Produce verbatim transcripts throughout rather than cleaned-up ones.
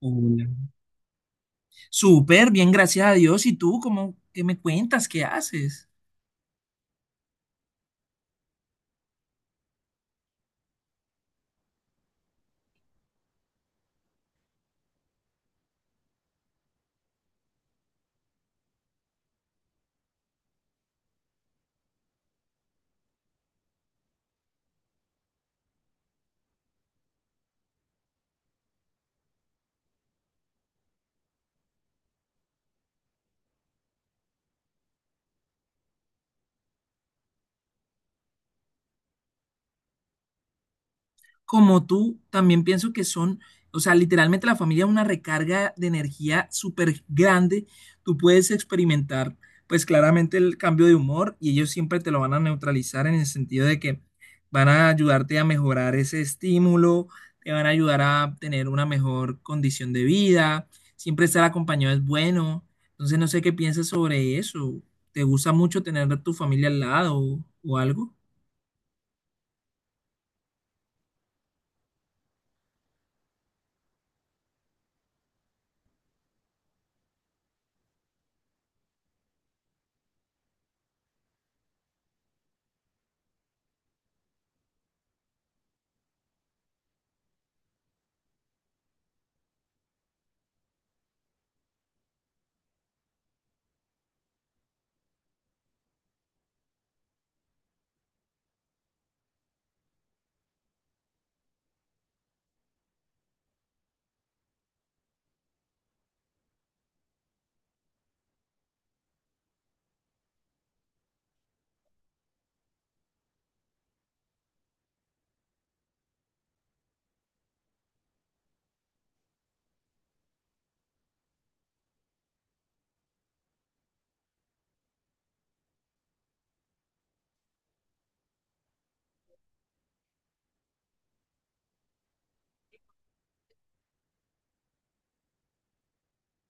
Hola. Súper, bien, gracias a Dios. ¿Y tú cómo, qué me cuentas? ¿Qué haces? Como tú, también pienso que son, o sea, literalmente la familia es una recarga de energía súper grande. Tú puedes experimentar, pues claramente el cambio de humor y ellos siempre te lo van a neutralizar en el sentido de que van a ayudarte a mejorar ese estímulo, te van a ayudar a tener una mejor condición de vida. Siempre estar acompañado es bueno. Entonces, no sé qué piensas sobre eso. ¿Te gusta mucho tener a tu familia al lado o algo?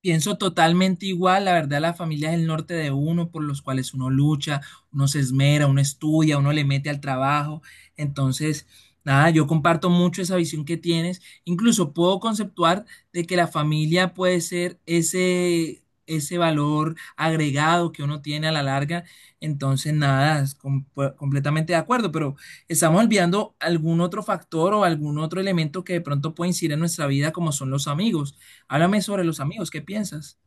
Pienso totalmente igual, la verdad, la familia es el norte de uno, por los cuales uno lucha, uno se esmera, uno estudia, uno le mete al trabajo. Entonces, nada, yo comparto mucho esa visión que tienes. Incluso puedo conceptuar de que la familia puede ser ese, ese valor agregado que uno tiene a la larga. Entonces, nada, es com- completamente de acuerdo, pero estamos olvidando algún otro factor o algún otro elemento que de pronto puede incidir en nuestra vida, como son los amigos. Háblame sobre los amigos, ¿qué piensas?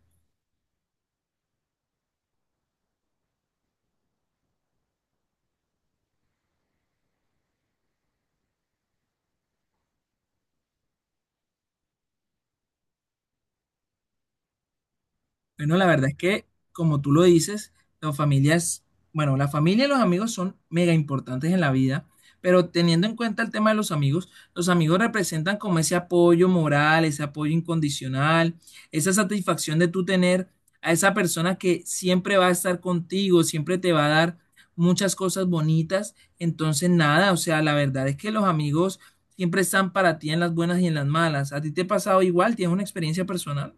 Bueno, la verdad es que, como tú lo dices, las familias, bueno, la familia y los amigos son mega importantes en la vida, pero teniendo en cuenta el tema de los amigos, los amigos representan como ese apoyo moral, ese apoyo incondicional, esa satisfacción de tú tener a esa persona que siempre va a estar contigo, siempre te va a dar muchas cosas bonitas. Entonces, nada, o sea, la verdad es que los amigos siempre están para ti en las buenas y en las malas. ¿A ti te ha pasado igual? ¿Tienes una experiencia personal?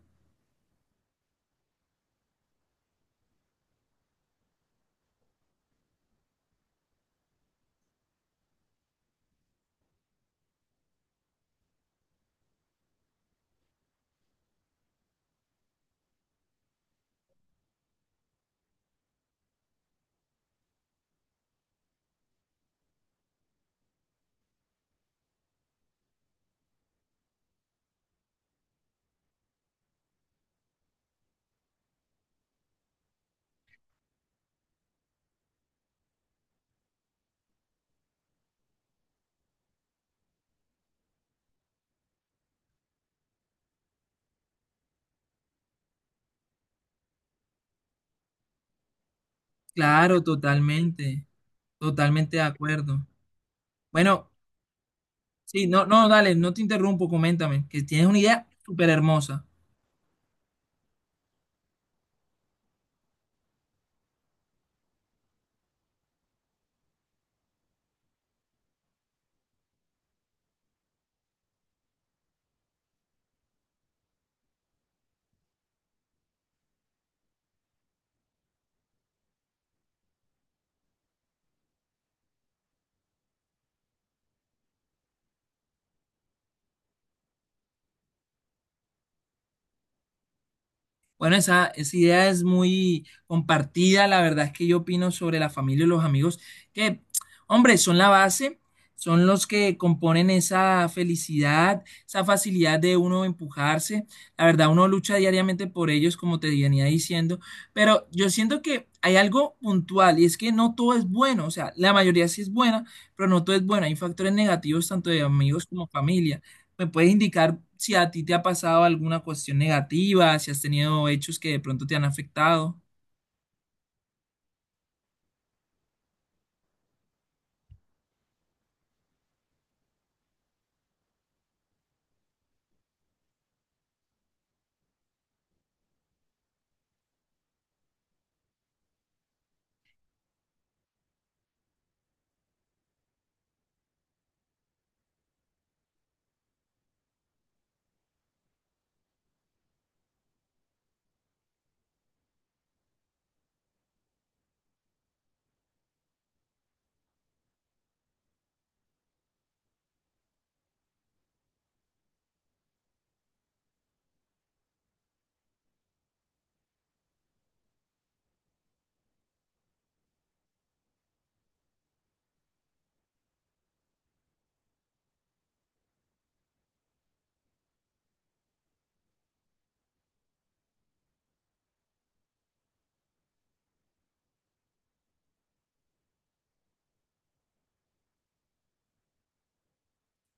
Claro, totalmente, totalmente de acuerdo. Bueno, sí, no, no, dale, no te interrumpo, coméntame, que tienes una idea súper hermosa. Bueno, esa, esa idea es muy compartida. La verdad es que yo opino sobre la familia y los amigos, que, hombre, son la base, son los que componen esa felicidad, esa facilidad de uno empujarse. La verdad, uno lucha diariamente por ellos, como te venía diciendo. Pero yo siento que hay algo puntual y es que no todo es bueno. O sea, la mayoría sí es buena, pero no todo es bueno. Hay factores negativos tanto de amigos como familia. ¿Me puedes indicar si a ti te ha pasado alguna cuestión negativa, si has tenido hechos que de pronto te han afectado?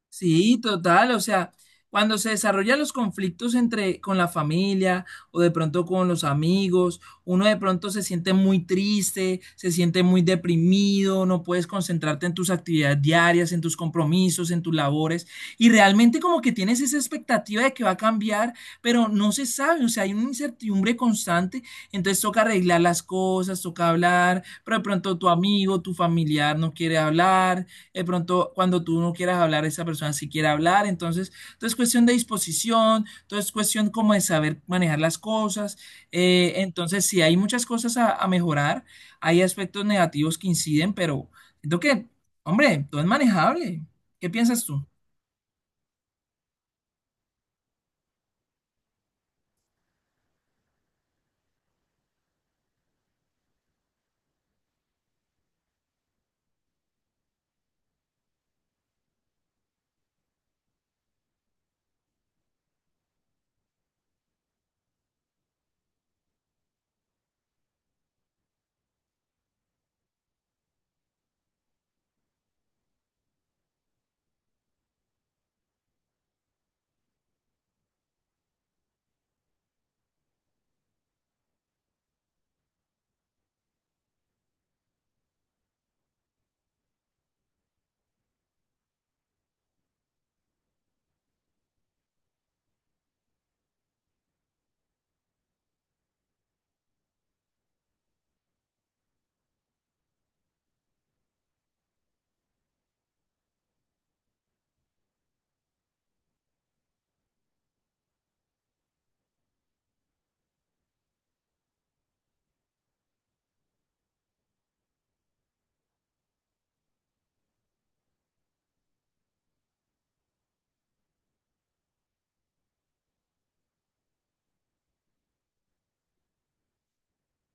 Sí, total, o sea, cuando se desarrollan los conflictos entre con la familia o de pronto con los amigos, uno de pronto se siente muy triste, se siente muy deprimido, no puedes concentrarte en tus actividades diarias, en tus compromisos, en tus labores y realmente como que tienes esa expectativa de que va a cambiar, pero no se sabe, o sea, hay una incertidumbre constante, entonces toca arreglar las cosas, toca hablar, pero de pronto tu amigo, tu familiar no quiere hablar de pronto cuando tú no quieras hablar, esa persona sí quiere hablar, entonces, entonces es cuestión de disposición, entonces es cuestión como de saber manejar las cosas, eh, entonces sí, hay muchas cosas a, a mejorar, hay aspectos negativos que inciden, pero siento que, hombre, todo es manejable. ¿Qué piensas tú?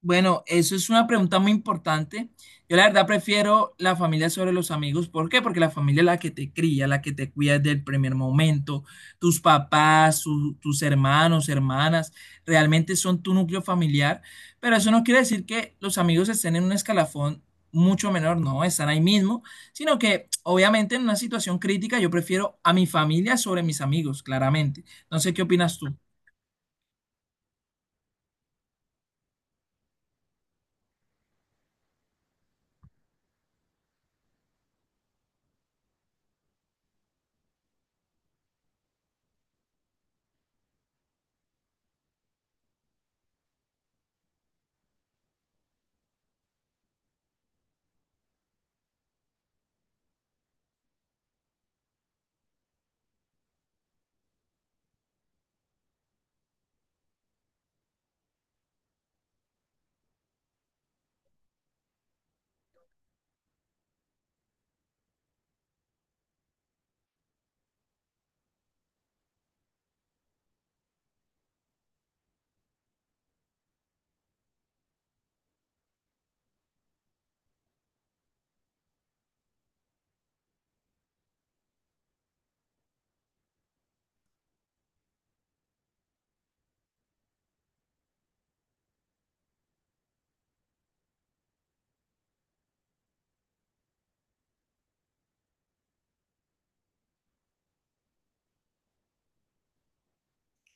Bueno, eso es una pregunta muy importante. Yo la verdad prefiero la familia sobre los amigos. ¿Por qué? Porque la familia es la que te cría, la que te cuida desde el primer momento. Tus papás, su- tus hermanos, hermanas, realmente son tu núcleo familiar. Pero eso no quiere decir que los amigos estén en un escalafón mucho menor, no, están ahí mismo, sino que obviamente en una situación crítica yo prefiero a mi familia sobre mis amigos, claramente. No sé qué opinas tú.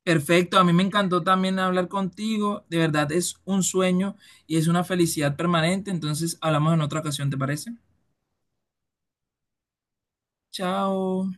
Perfecto, a mí me encantó también hablar contigo. De verdad es un sueño y es una felicidad permanente. Entonces hablamos en otra ocasión, ¿te parece? Chao.